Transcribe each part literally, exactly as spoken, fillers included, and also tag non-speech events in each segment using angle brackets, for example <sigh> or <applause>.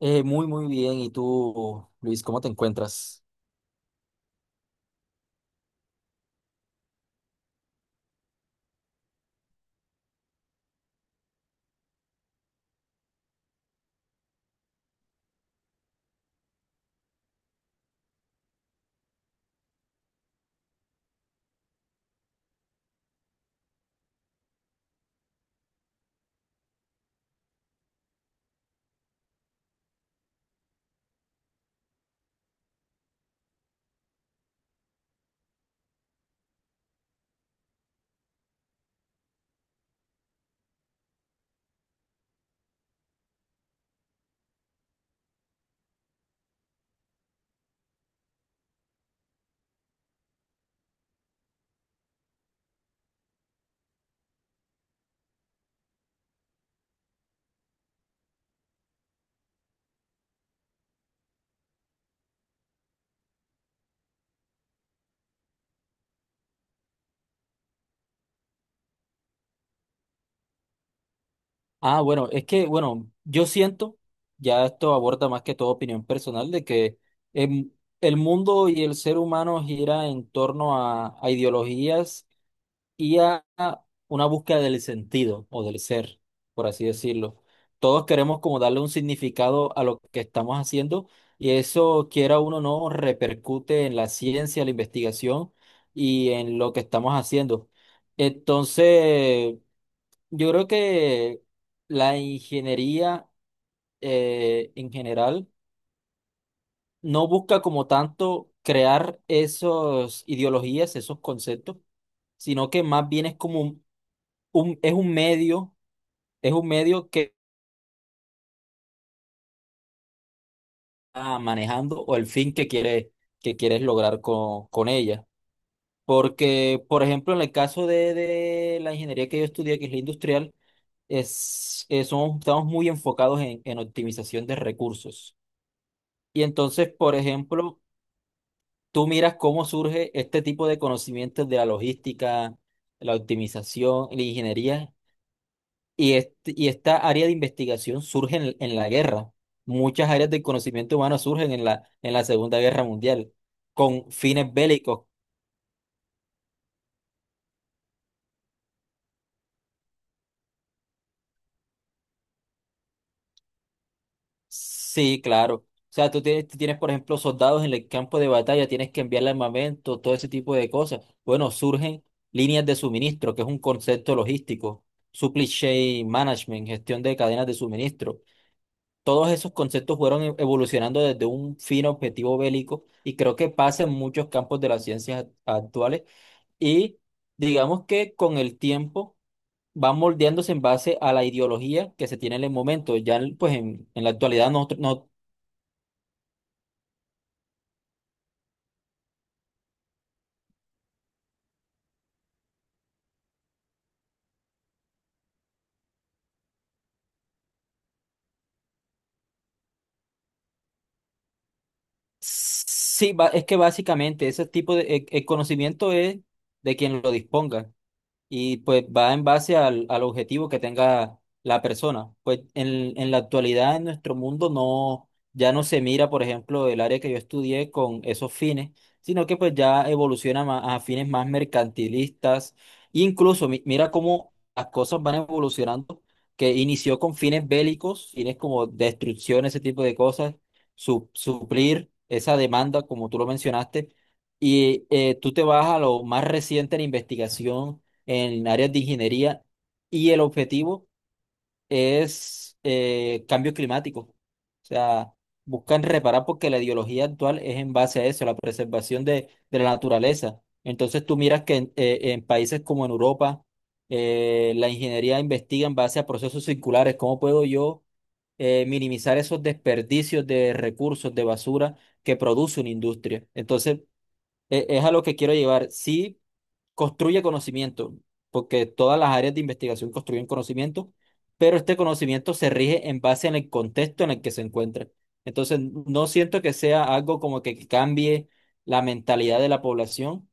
Eh, muy, muy bien. ¿Y tú, Luis, cómo te encuentras? Ah, bueno, es que, bueno, yo siento, ya esto aborda más que todo opinión personal, de que em, el mundo y el ser humano gira en torno a, a ideologías y a una búsqueda del sentido o del ser, por así decirlo. Todos queremos como darle un significado a lo que estamos haciendo y eso, quiera uno o no, repercute en la ciencia, la investigación y en lo que estamos haciendo. Entonces, yo creo que la ingeniería eh, en general no busca como tanto crear esas ideologías, esos conceptos, sino que más bien es como un, es un medio, es un medio que está manejando o el fin que quiere, que quieres lograr con, con ella. Porque, por ejemplo, en el caso de, de la ingeniería que yo estudié, que es la industrial, es, es somos- estamos muy enfocados en, en optimización de recursos. Y entonces, por ejemplo, tú miras cómo surge este tipo de conocimientos de la logística, la optimización, la ingeniería. Y, este- y esta área de investigación surge en, en la guerra. Muchas áreas del conocimiento humano surgen en la, en la Segunda Guerra Mundial, con fines bélicos. Sí, claro. O sea, tú tienes, tú tienes, por ejemplo, soldados en el campo de batalla, tienes que enviarle armamento, todo ese tipo de cosas. Bueno, surgen líneas de suministro, que es un concepto logístico, supply chain management, gestión de cadenas de suministro. Todos esos conceptos fueron e- evolucionando desde un fino objetivo bélico y creo que pasa en muchos campos de las ciencias actuales y digamos que con el tiempo van moldeándose en base a la ideología que se tiene en el momento. Ya en- pues en, en la actualidad no, no sí, ba- es que básicamente ese tipo de el- el conocimiento es de quien lo disponga. Y pues va en base al, al objetivo que tenga la persona. Pues en, en la actualidad en nuestro mundo no, ya no se mira, por ejemplo, el área que yo estudié con esos fines, sino que pues ya evoluciona ma- a fines más mercantilistas. Incluso mi- mira cómo las cosas van evolucionando, que inició con fines bélicos, fines como destrucción, ese tipo de cosas, su- suplir esa demanda, como tú lo mencionaste. Y eh, tú te vas a lo más reciente en investigación en áreas de ingeniería y el objetivo es eh, cambio climático. O sea, buscan reparar porque la ideología actual es en base a eso, la preservación de, de la naturaleza. Entonces tú miras que en, eh, en países como en Europa, eh, la ingeniería investiga en base a procesos circulares, cómo puedo yo eh, minimizar esos desperdicios de recursos, de basura que produce una industria. Entonces, e- es a lo que quiero llevar. Sí, construye conocimiento, porque todas las áreas de investigación construyen conocimiento, pero este conocimiento se rige en base en el contexto en el que se encuentra. Entonces, no siento que sea algo como que cambie la mentalidad de la población,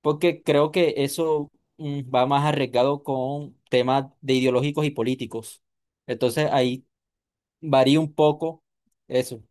porque creo que eso mm, va más arriesgado con temas de ideológicos y políticos. Entonces, ahí varía un poco eso.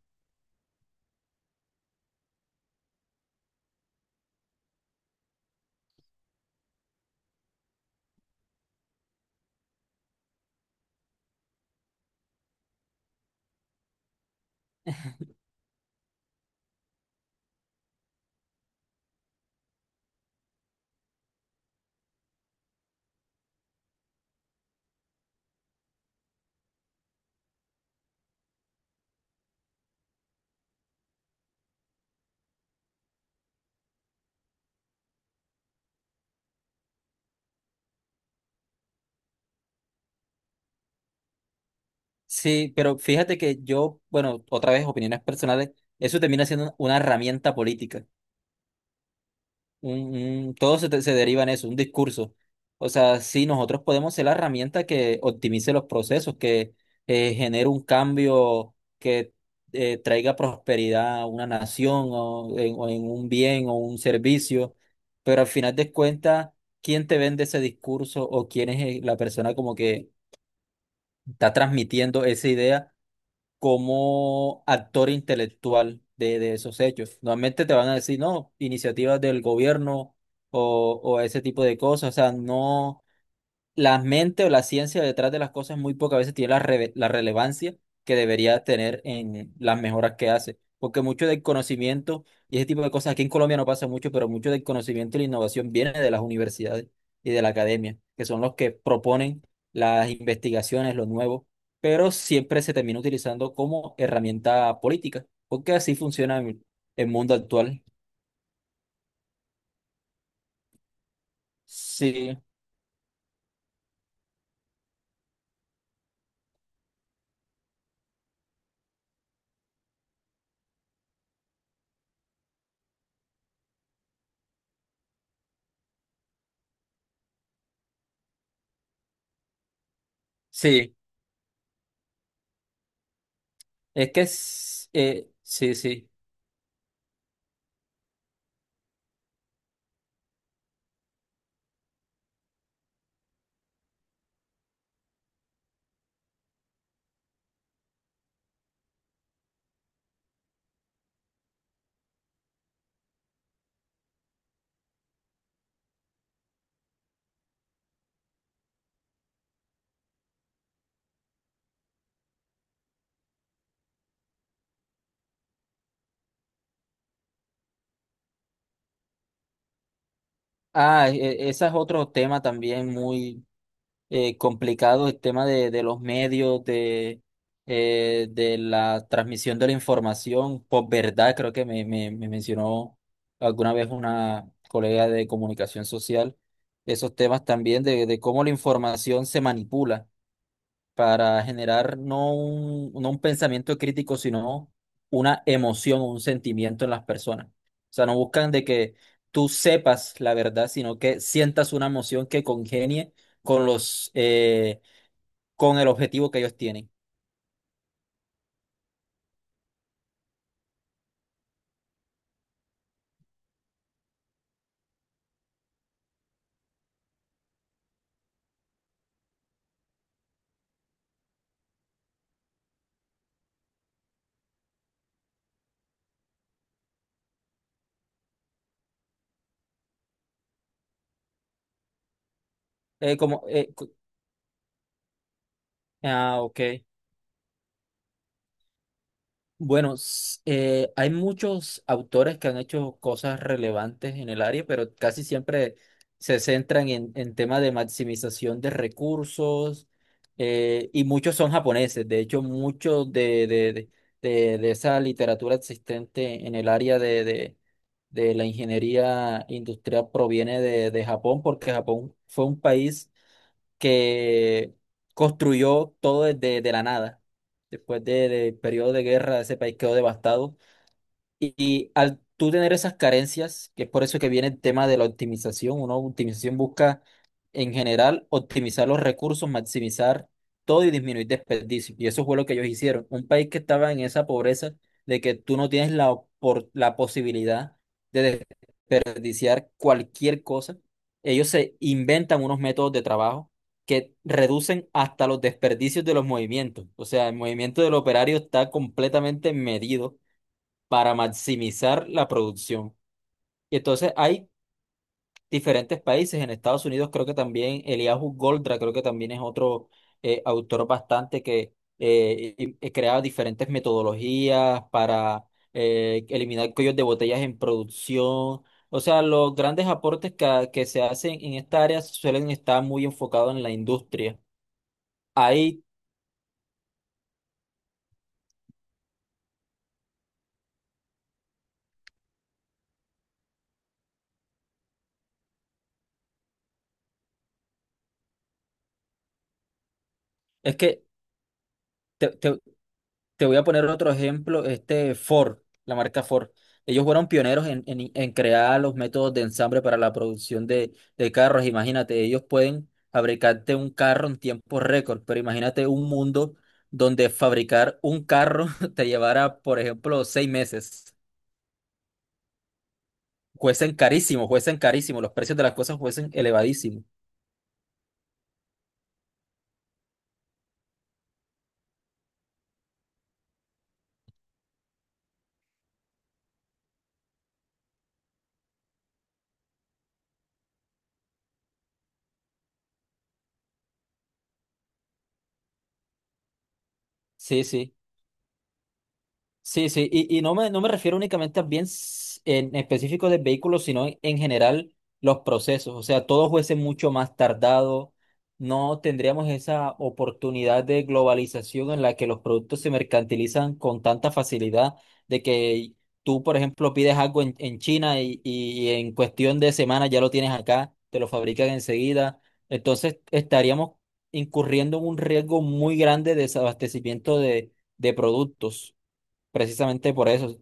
Sí, pero fíjate que yo, bueno, otra vez opiniones personales, eso termina siendo una herramienta política. Un- un- Todo se, te- se deriva en eso, un discurso. O sea, sí, nosotros podemos ser la herramienta que optimice los procesos, que eh, genere un cambio que eh, traiga prosperidad a una nación o en, o en un bien o un servicio, pero al final de cuentas, ¿quién te vende ese discurso o quién es eh, la persona como que está transmitiendo esa idea? Como actor intelectual de, de esos hechos. Normalmente te van a decir, no, iniciativas del gobierno o, o ese tipo de cosas, o sea, no la mente o la ciencia detrás de las cosas muy pocas veces tiene la, reve- la relevancia que debería tener en las mejoras que hace. Porque mucho del conocimiento y ese tipo de cosas, aquí en Colombia no pasa mucho, pero mucho del conocimiento y la innovación viene de las universidades y de la academia, que son los que proponen las investigaciones, lo nuevo, pero siempre se termina utilizando como herramienta política, porque así funciona el el mundo actual. Sí, sí, es que es- eh, sí, sí. Ah, e- ese es otro tema también muy eh, complicado, el tema de, de los medios, de, eh, de la transmisión de la información, por verdad, creo que me, me, me mencionó alguna vez una colega de comunicación social, esos temas también de, de cómo la información se manipula para generar no un, no un pensamiento crítico, sino una emoción o un sentimiento en las personas. O sea, no buscan de que tú sepas la verdad, sino que sientas una emoción que congenie con los, eh, con el objetivo que ellos tienen. Eh, como, eh, co- ah, ok. Bueno, s- eh, hay muchos autores que han hecho cosas relevantes en el área, pero casi siempre se centran en, en temas de maximización de recursos eh, y muchos son japoneses. De hecho, mucho de, de, de, de- de esa literatura existente en el área de, de, de la ingeniería industrial proviene de, de Japón, porque Japón fue un país que construyó todo desde de la nada. Después de- del periodo de guerra, ese país quedó devastado. Y, y al tú tener esas carencias, que es por eso que viene el tema de la optimización, una optimización busca en general optimizar los recursos, maximizar todo y disminuir desperdicios. Y eso fue lo que ellos hicieron. Un país que estaba en esa pobreza de que tú no tienes la, por, la posibilidad de desperdiciar cualquier cosa. Ellos se inventan unos métodos de trabajo que reducen hasta los desperdicios de los movimientos. O sea, el movimiento del operario está completamente medido para maximizar la producción. Y entonces hay diferentes países. En Estados Unidos creo que también Eliahu Goldratt, creo que también es otro eh, autor bastante que eh, y- y crea diferentes metodologías para eh, eliminar cuellos de botellas en producción. O sea, los grandes aportes que, que se hacen en esta área suelen estar muy enfocados en la industria. Ahí es que te te- te voy a poner otro ejemplo, este Ford, la marca Ford. Ellos fueron pioneros en, en- en crear los métodos de ensamble para la producción de, de carros. Imagínate, ellos pueden fabricarte un carro en tiempo récord, pero imagínate un mundo donde fabricar un carro <laughs> te llevara, por ejemplo, seis meses. Fuesen carísimo, fuesen carísimo, los precios de las cosas fuesen elevadísimos. Sí, sí. Sí, sí, y, y no me, no me refiero únicamente a bienes en específico de vehículos, sino en, en general los procesos. O sea, todo fuese mucho más tardado, no tendríamos esa oportunidad de globalización en la que los productos se mercantilizan con tanta facilidad, de que tú, por ejemplo, pides algo en, en China y, y en cuestión de semanas ya lo tienes acá, te lo fabrican enseguida. Entonces, estaríamos incurriendo en un riesgo muy grande de desabastecimiento de, de productos. Precisamente por eso,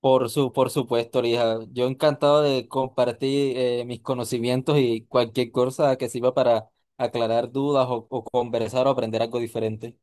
por su, por supuesto, Lija. Yo encantado de compartir eh, mis conocimientos y cualquier cosa que sirva para aclarar dudas o, o conversar o aprender algo diferente.